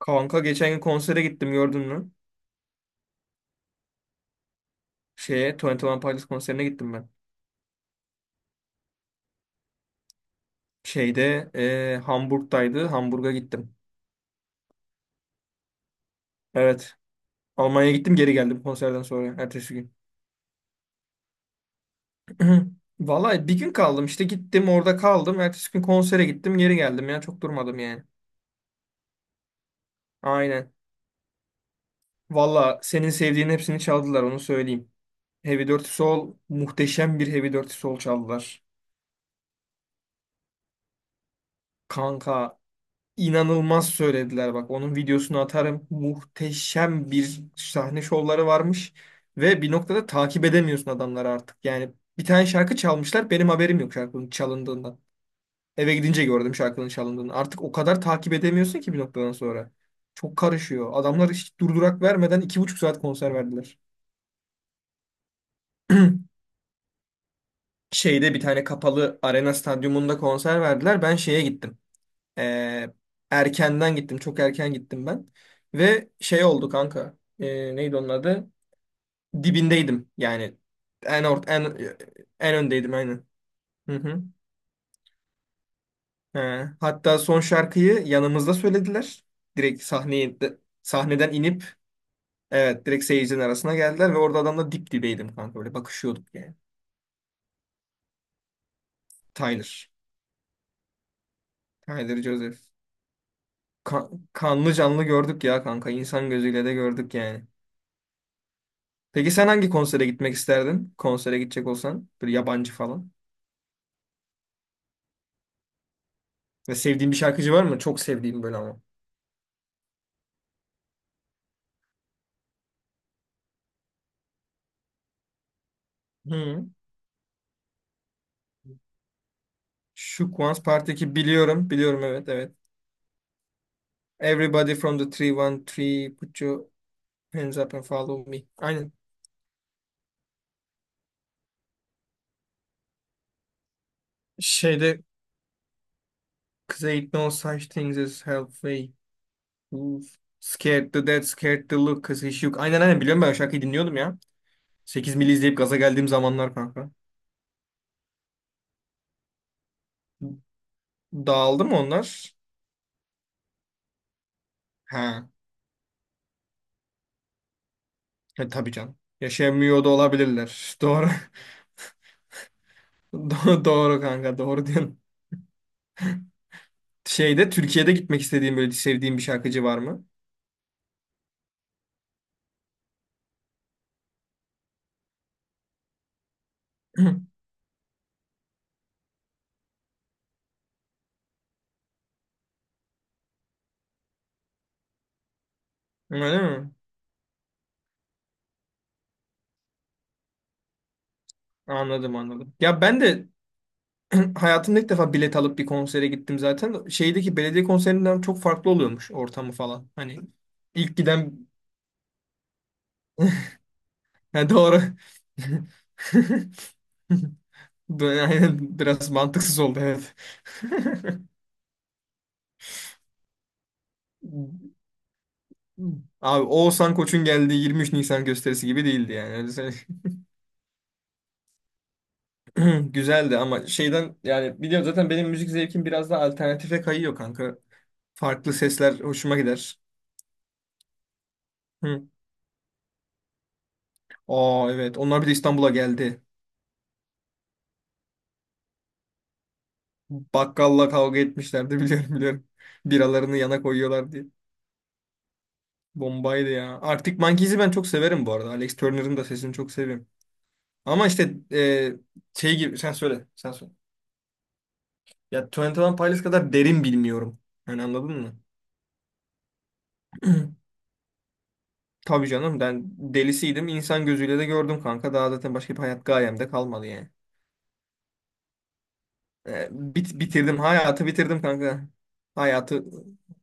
Kanka, geçen gün konsere gittim, gördün mü? 21 Pilots konserine gittim ben. Hamburg'daydı. Hamburg'a gittim. Evet. Almanya'ya gittim, geri geldim konserden sonra. Ertesi gün. Vallahi bir gün kaldım, işte gittim orada kaldım. Ertesi gün konsere gittim, geri geldim ya. Çok durmadım yani. Aynen. Valla senin sevdiğin hepsini çaldılar, onu söyleyeyim. Heavy Dirty Soul, muhteşem bir Heavy Dirty Soul çaldılar. Kanka, İnanılmaz söylediler bak. Onun videosunu atarım. Muhteşem bir sahne şovları varmış. Ve bir noktada takip edemiyorsun adamları artık. Yani bir tane şarkı çalmışlar, benim haberim yok şarkının çalındığından. Eve gidince gördüm şarkının çalındığını. Artık o kadar takip edemiyorsun ki bir noktadan sonra. Çok karışıyor. Adamlar hiç durdurak vermeden 2,5 saat konser verdiler. Şeyde bir tane kapalı arena stadyumunda konser verdiler. Ben şeye gittim. Ee, Erkenden gittim. Çok erken gittim ben. Ve şey oldu kanka. Neydi onun adı? Dibindeydim. Yani en ort en en öndeydim, aynen. Hı hı. He. Hatta son şarkıyı yanımızda söylediler. Direkt sahneden inip, evet, direkt seyircinin arasına geldiler ve orada adamla dip dibeydim kanka. Böyle bakışıyorduk yani. Tyler. Tyler Joseph. Kanlı canlı gördük ya kanka. İnsan gözüyle de gördük yani. Peki sen hangi konsere gitmek isterdin? Konsere gidecek olsan. Böyle yabancı falan. Ve sevdiğin bir şarkıcı var mı? Çok sevdiğim böyle ama. Hı. Şu Once Party'deki biliyorum. Biliyorum, evet, evet. Everybody from the 313 put your hands up and follow me. Aynen. Şeyde, cause ain't no such things as halfway. Oof. Scared to death, scared to look, cause he shook. Aynen, aynen, biliyorum, ben o şarkıyı dinliyordum ya. 8 mili izleyip gaza geldiğim zamanlar kanka. Dağıldı mı onlar? He. E, tabii canım. Yaşayamıyor da olabilirler. Doğru. Doğru, doğru kanka, doğru diyorsun. Şeyde Türkiye'de gitmek istediğin böyle sevdiğin bir şarkıcı var mı? Öyle mi? Anladım, anladım. Ya ben de hayatımda ilk defa bilet alıp bir konsere gittim zaten. Şeydeki belediye konserinden çok farklı oluyormuş, ortamı falan. Hani ilk giden Ha, doğru. Böyle, aynen, biraz mantıksız oldu, evet. Abi Oğuzhan Koç'un geldiği 23 Nisan gösterisi gibi değildi yani. Öyle. Güzeldi ama şeyden, yani biliyorum zaten benim müzik zevkim biraz daha alternatife kayıyor kanka. Farklı sesler hoşuma gider. Hı. Aa, evet, onlar bir de İstanbul'a geldi. Bakkalla kavga etmişlerdi, biliyorum, biliyorum. Biralarını yana koyuyorlar diye. Bombaydı ya. Arctic Monkeys'i ben çok severim bu arada. Alex Turner'ın da sesini çok seviyorum. Ama işte, şey gibi, sen söyle, sen söyle. Ya 21 Pilots kadar derin bilmiyorum. Yani anladın mı? Tabii canım, ben delisiydim. İnsan gözüyle de gördüm kanka. Daha zaten başka bir hayat gayemde kalmadı yani. Bitirdim. Hayatı bitirdim kanka. Hayatı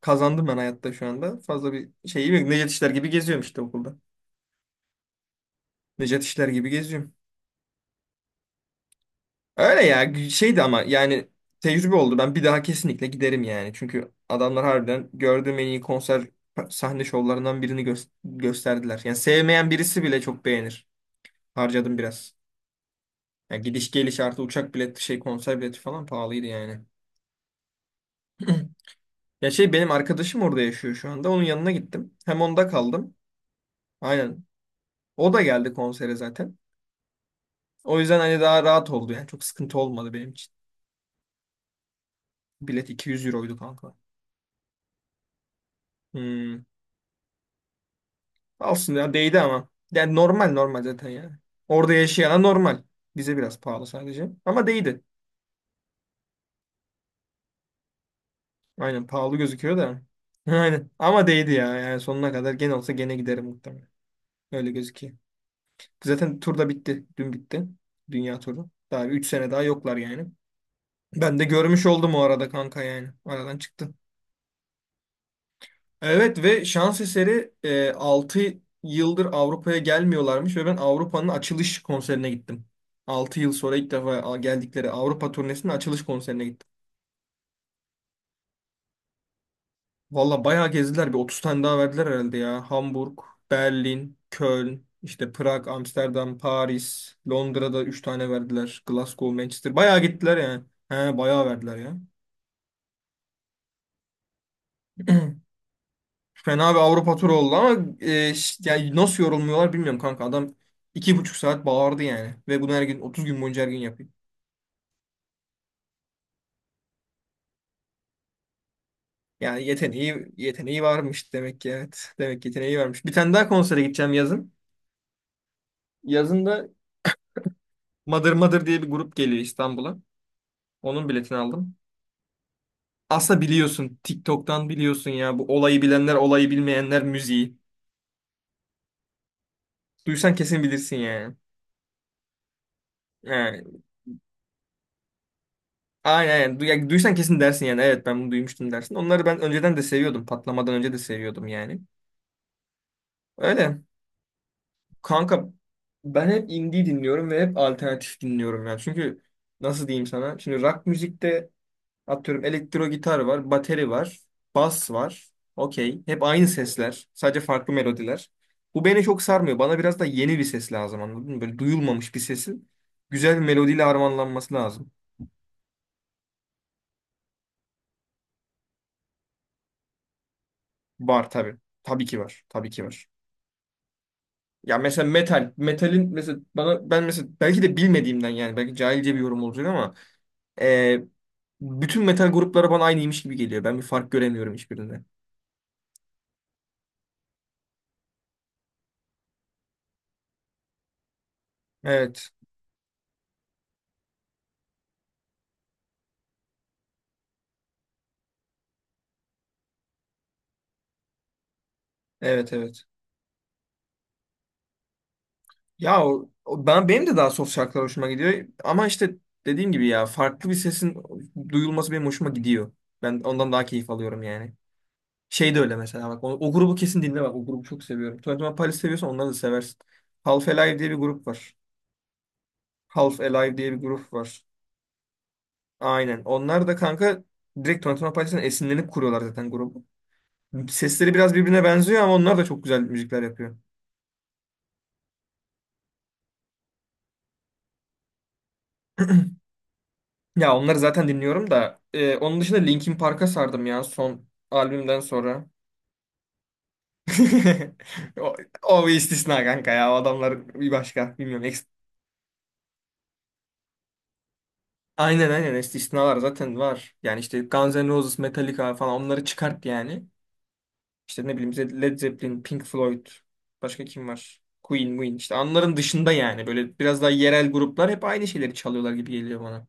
kazandım ben, hayatta şu anda. Fazla bir şey yok. Necdet İşler gibi geziyorum işte, okulda. Necdet İşler gibi geziyorum. Öyle ya, şeydi ama yani tecrübe oldu. Ben bir daha kesinlikle giderim yani. Çünkü adamlar harbiden gördüğüm en iyi konser sahne şovlarından gösterdiler. Yani sevmeyen birisi bile çok beğenir. Harcadım biraz. Ya gidiş geliş, artı uçak bileti, şey, konser bileti falan pahalıydı yani. Ya şey, benim arkadaşım orada yaşıyor şu anda. Onun yanına gittim. Hem onda kaldım. Aynen. O da geldi konsere zaten. O yüzden hani daha rahat oldu yani. Çok sıkıntı olmadı benim için. Bilet 200 euroydu kanka. Hmm. Olsun ya, değdi ama. Yani normal, normal zaten yani. Orada yaşayana normal. Bize biraz pahalı sadece. Ama değdi. Aynen, pahalı gözüküyor da. Aynen. Ama değdi ya. Yani sonuna kadar, gene olsa gene giderim muhtemelen. Öyle gözüküyor. Zaten tur da bitti. Dün bitti. Dünya turu. Daha 3 sene daha yoklar yani. Ben de görmüş oldum o arada kanka yani. Aradan çıktım. Evet, ve şans eseri 6 yıldır Avrupa'ya gelmiyorlarmış ve ben Avrupa'nın açılış konserine gittim. 6 yıl sonra ilk defa geldikleri Avrupa turnesinin açılış konserine gittim. Valla bayağı gezdiler. Bir 30 tane daha verdiler herhalde ya. Hamburg, Berlin, Köln, işte Prag, Amsterdam, Paris, Londra'da 3 tane verdiler. Glasgow, Manchester. Bayağı gittiler yani. He, bayağı verdiler ya. Fena bir Avrupa turu oldu ama yani nasıl yorulmuyorlar bilmiyorum kanka. Adam 2,5 saat bağırdı yani. Ve bunu her gün, 30 gün boyunca her gün yapıyor. Yani yeteneği varmış demek ki, evet. Demek ki yeteneği varmış. Bir tane daha konsere gideceğim yazın. Yazın da Mother Mother diye bir grup geliyor İstanbul'a. Onun biletini aldım. Aslında biliyorsun. TikTok'tan biliyorsun ya. Bu, olayı bilenler, olayı bilmeyenler müziği. Duysan kesin bilirsin yani. Yani, aynen, aynen. Ya duysan kesin dersin yani. Evet, ben bunu duymuştum dersin. Onları ben önceden de seviyordum. Patlamadan önce de seviyordum yani. Öyle. Kanka, ben hep indie dinliyorum ve hep alternatif dinliyorum yani. Çünkü nasıl diyeyim sana? Şimdi rock müzikte, atıyorum, elektro gitar var, bateri var, bas var. Okey. Hep aynı sesler. Sadece farklı melodiler. Bu beni çok sarmıyor. Bana biraz da yeni bir ses lazım, anladın mı? Böyle duyulmamış bir sesin güzel bir melodiyle harmanlanması lazım. Var tabii. Tabii ki var. Tabii ki var. Ya mesela metal. Metalin mesela, bana, ben mesela, belki de bilmediğimden yani, belki cahilce bir yorum olacak ama e, bütün metal grupları bana aynıymış gibi geliyor. Ben bir fark göremiyorum hiçbirinde. Evet. Evet, evet. Ya benim de daha soft şarkılar hoşuma gidiyor ama işte dediğim gibi, ya farklı bir sesin duyulması benim hoşuma gidiyor. Ben ondan daha keyif alıyorum yani. Şey de öyle, mesela bak o grubu kesin dinle, bak o grubu çok seviyorum. Twenty One Pilots seviyorsan onları da seversin. Half Alive diye bir grup var. Half Alive diye bir grup var. Aynen. Onlar da kanka direkt Twenty One Pilots'tan esinlenip kuruyorlar zaten grubu. Sesleri biraz birbirine benziyor ama onlar da çok güzel müzikler yapıyor. Ya onları zaten dinliyorum da onun dışında Linkin Park'a sardım ya son albümden sonra. O, O bir istisna kanka ya. O adamlar bir başka. Bilmiyorum. Aynen, aynen, istisnalar zaten var. Yani işte Guns N' Roses, Metallica falan, onları çıkart yani. İşte ne bileyim, Led Zeppelin, Pink Floyd. Başka kim var? Queen, Queen. İşte onların dışında yani. Böyle biraz daha yerel gruplar hep aynı şeyleri çalıyorlar gibi geliyor bana.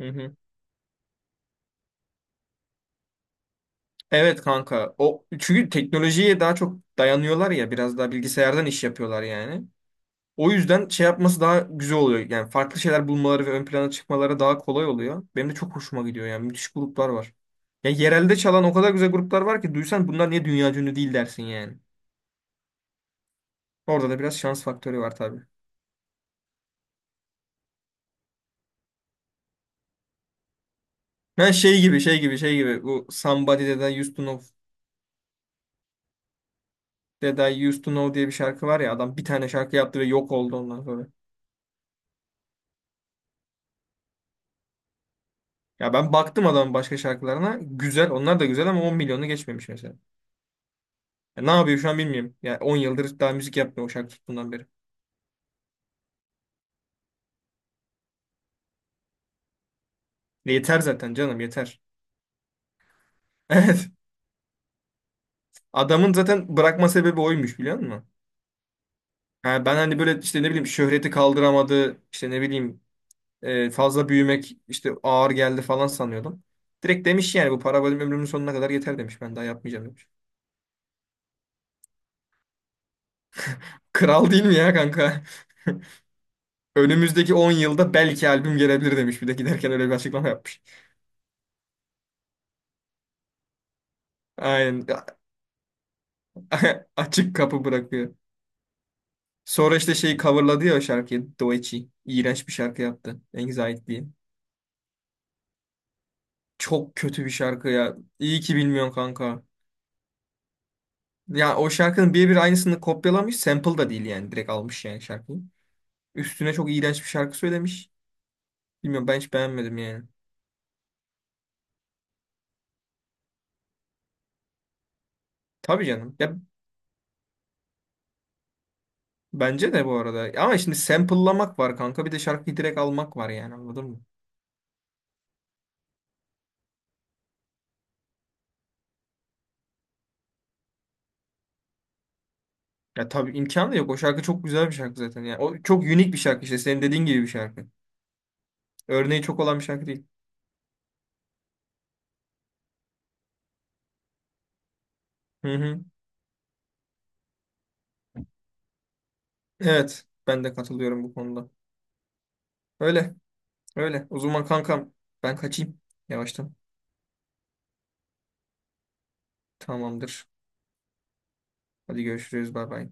Hı hı. Evet kanka. O çünkü teknolojiye daha çok dayanıyorlar ya, biraz daha bilgisayardan iş yapıyorlar yani. O yüzden şey yapması daha güzel oluyor. Yani farklı şeyler bulmaları ve ön plana çıkmaları daha kolay oluyor. Benim de çok hoşuma gidiyor yani. Müthiş gruplar var. Ya yerelde çalan o kadar güzel gruplar var ki duysan, bunlar niye dünya ünlü değil dersin yani. Orada da biraz şans faktörü var tabii. Ben şey gibi şey gibi şey gibi Bu Somebody That I Used to Know, diye bir şarkı var ya, adam bir tane şarkı yaptı ve yok oldu ondan sonra. Ya ben baktım adamın başka şarkılarına. Güzel. Onlar da güzel ama 10 milyonu geçmemiş mesela. Ya ne yapıyor şu an bilmiyorum. Ya 10 yıldır daha müzik yapmıyor o şarkı tuttuğundan beri. E, yeter zaten canım, yeter. Evet. Adamın zaten bırakma sebebi oymuş, biliyor musun? Ha, ben hani böyle işte, ne bileyim, şöhreti kaldıramadı, işte ne bileyim, fazla büyümek işte ağır geldi falan sanıyordum. Direkt demiş yani, bu para benim ömrümün sonuna kadar yeter demiş. Ben daha yapmayacağım demiş. Kral değil mi ya kanka? Önümüzdeki 10 yılda belki albüm gelebilir demiş. Bir de giderken öyle bir açıklama yapmış. Aynen. Açık kapı bırakıyor. Sonra işte şeyi coverladı ya o şarkıyı. Doechi. İğrenç bir şarkı yaptı. Anxiety diye. Çok kötü bir şarkı ya. İyi ki bilmiyorsun kanka. Ya o şarkının birebir aynısını kopyalamış. Sample da değil yani. Direkt almış yani şarkıyı. Üstüne çok iğrenç bir şarkı söylemiş. Bilmiyorum, ben hiç beğenmedim yani. Tabii canım. Ya bence de, bu arada. Ama şimdi sample'lamak var kanka. Bir de şarkıyı direkt almak var yani, anladın mı? Ya tabii imkanı da yok. O şarkı çok güzel bir şarkı zaten. Yani o çok unik bir şarkı işte. Senin dediğin gibi bir şarkı. Örneği çok olan bir şarkı değil. Hı hı. Evet, ben de katılıyorum bu konuda. Öyle, öyle. O zaman kankam, ben kaçayım yavaştan. Tamamdır. Hadi görüşürüz. Bay bay.